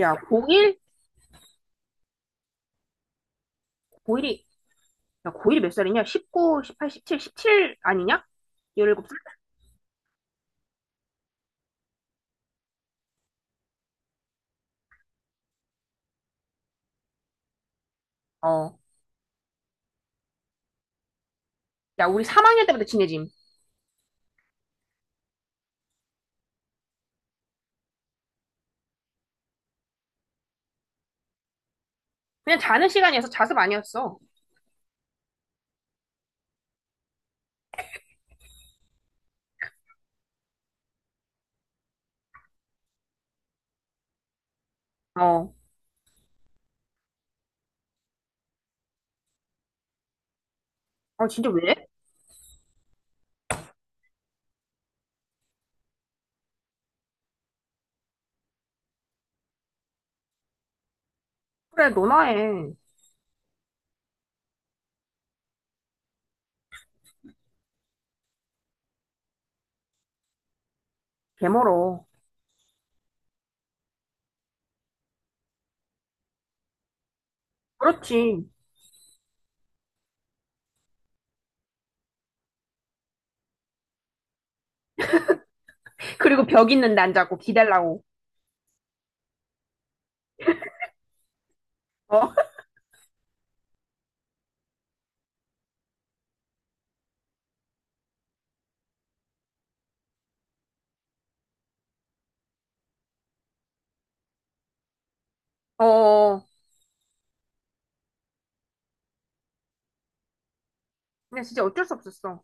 야, 고1? 고일이 야, 고일이 몇 살이냐? 19, 18, 17, 17 아니냐? 17살? 어. 야, 우리 3학년 때부터 친해짐. 그냥 자는 시간이어서 자습 아니었어. 어. 아, 진짜 왜? 그래, 너나 해. 개멀어. 그렇지. 그리고 벽 있는 난자고 기달라고. 어? 어. 근데 진짜 어쩔 수 없었어.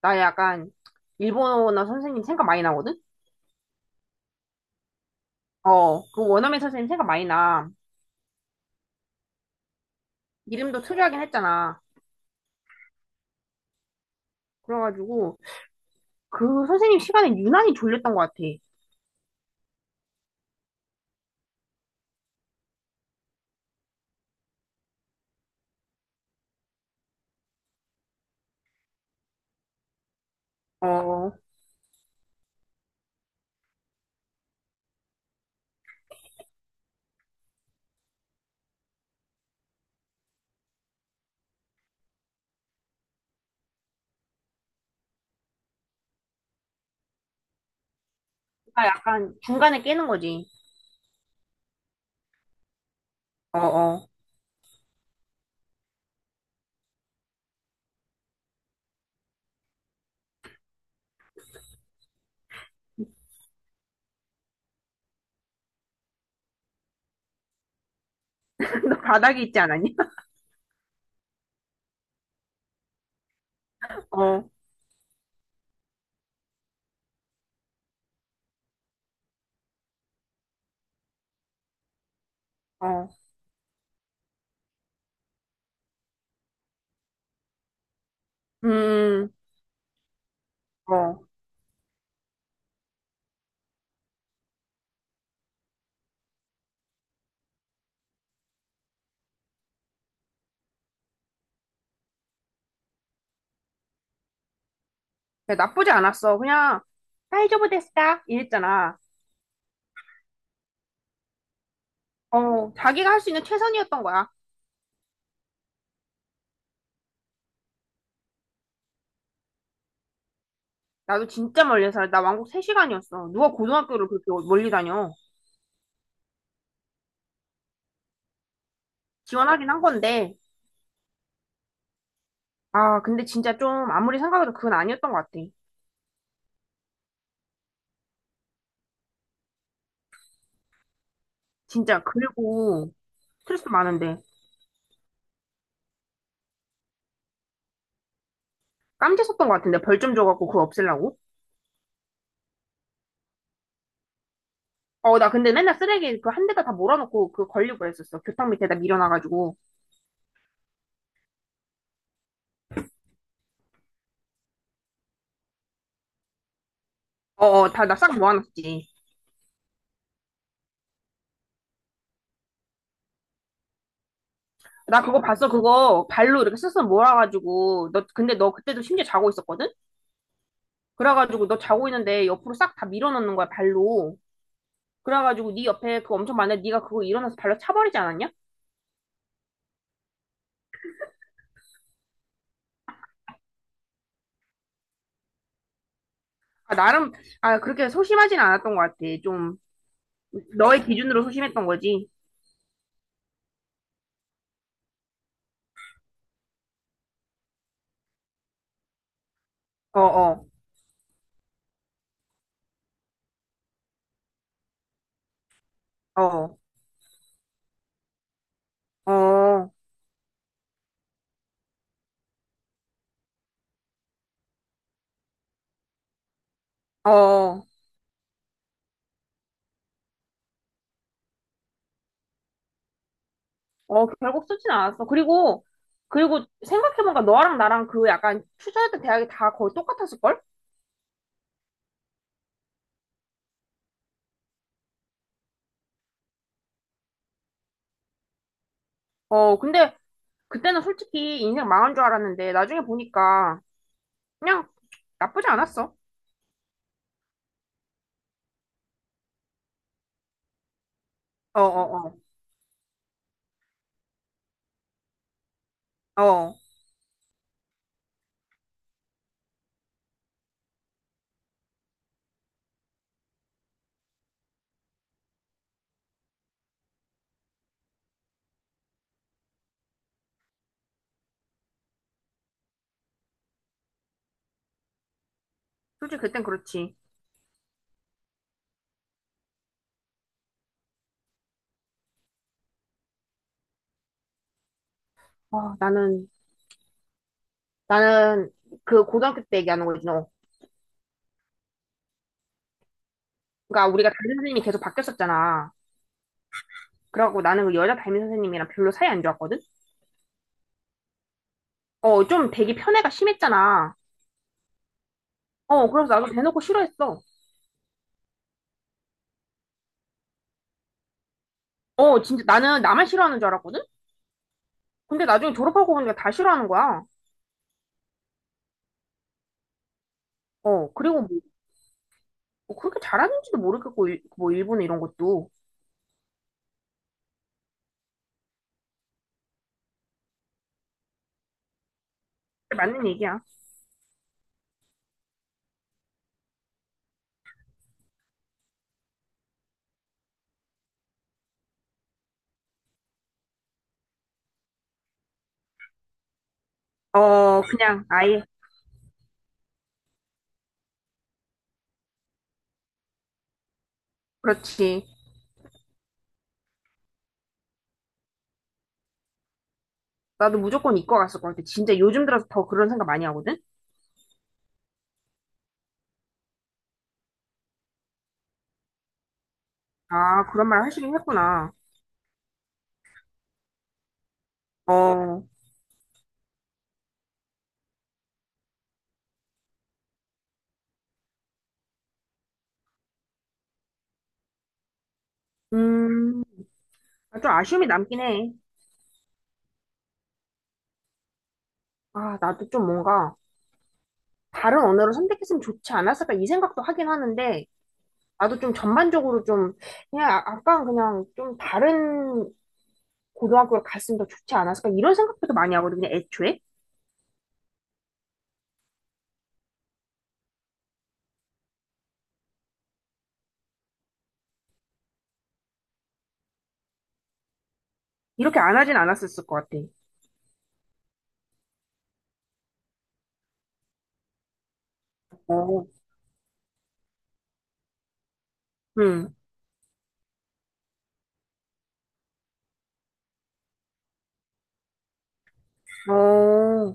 나 약간, 일본어 선생님 생각 많이 나거든? 어. 그 원어민 선생님 생각 많이 나. 이름도 특이하긴 했잖아. 그래가지고, 그 선생님 시간에 유난히 졸렸던 것 같아. 어, 어. 아, 약간 중간에 깨는 거지. 어, 어. 너 바닥이 있지 않았니? 어, 어. 음, 어. 그래, 나쁘지 않았어. 그냥, 사이즈오브 데스다. 이랬잖아. 어, 자기가 할 수 있는 최선이었던 거야. 나도 진짜 멀리 살아. 나 왕복 3시간이었어. 누가 고등학교를 그렇게 멀리 다녀. 지원하긴 한 건데. 아, 근데 진짜 좀, 아무리 생각해도 그건 아니었던 것 같아. 진짜. 그리고, 스트레스 많은데. 깜지 썼던 것 같은데. 벌 좀 줘갖고 그거 없애려고. 어, 나 근데 맨날 쓰레기 그 한 대가 다 몰아놓고 그 걸리고 그랬었어. 교탁 밑에다 밀어놔가지고. 어, 어, 다, 나 싹 모아놨지. 나 그거 봤어. 그거 발로 이렇게 쓱쓱 몰아가지고. 너, 근데 너 그때도 심지어 자고 있었거든? 그래가지고 너 자고 있는데 옆으로 싹 다 밀어넣는 거야, 발로. 그래가지고 네 옆에 그거 엄청 많은데 네가 그거 일어나서 발로 차버리지 않았냐? 아, 나름, 아, 그렇게 소심하진 않았던 것 같아. 좀, 너의 기준으로 소심했던 거지. 어, 어, 어, 어, 어. 어, 결국 쓰진 않았어. 그리고, 그리고 생각해보니까 너랑 나랑 그 약간 투자했던 대학이 다 거의 똑같았을걸? 어, 근데 그때는 솔직히 인생 망한 줄 알았는데 나중에 보니까 그냥 나쁘지 않았어. 어, 어, 어. 어, 솔직히 그땐 그렇지. 어, 나는, 나는 그 고등학교 때 얘기하는 거지, 너. 그러니까 우리가 담임 선생님이 계속 바뀌었었잖아. 그래갖고 나는 그 여자 담임 선생님이랑 별로 사이 안 좋았거든? 어, 좀 되게 편애가 심했잖아. 어, 그래서 나도 대놓고 싫어했어. 어, 진짜 나는 나만 싫어하는 줄 알았거든? 근데 나중에 졸업하고 보니까 다 싫어하는 거야. 어, 그리고 뭐, 뭐 그렇게 잘하는지도 모르겠고, 일- 뭐, 일본 이런 것도. 맞는 얘기야. 어, 그냥 아예, 그렇지. 나도 무조건 이과 갔을 것 같아. 진짜 요즘 들어서 더 그런 생각 많이 하거든? 아, 그런 말 하시긴 했구나. 어, 음, 좀 아쉬움이 남긴 해. 아, 나도 좀 뭔가, 다른 언어를 선택했으면 좋지 않았을까 이 생각도 하긴 하는데, 나도 좀 전반적으로 좀, 그냥 아- 아까 그냥 좀 다른 고등학교를 갔으면 더 좋지 않았을까? 이런 생각부터 많이 하거든, 그냥 애초에. 이렇게 안 하진 않았었을 것 같아. 어. 응. 어.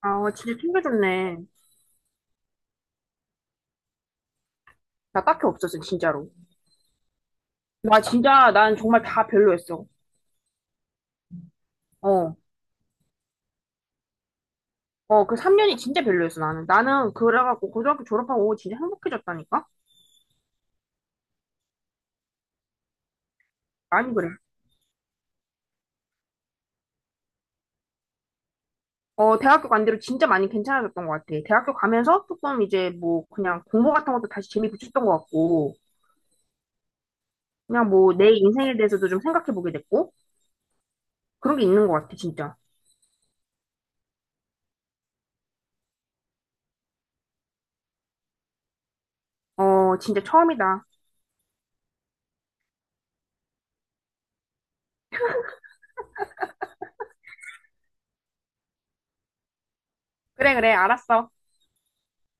아, 진짜 챙겨줬네. 나 딱히 없었어, 진짜로. 나 진짜, 난 정말 다 별로였어. 어. 어, 그 3년이 진짜 별로였어, 나는. 나는 그래갖고 고등학교 졸업하고 진짜 행복해졌다니까? 많이 그래. 어, 대학교 간 대로 진짜 많이 괜찮아졌던 것 같아. 대학교 가면서 조금 이제 뭐 그냥 공부 같은 것도 다시 재미 붙였던 것 같고, 그냥 뭐 내 인생에 대해서도 좀 생각해보게 됐고, 그런 게 있는 것 같아, 진짜. 어, 진짜 처음이다. 그래, 그래, 알았어.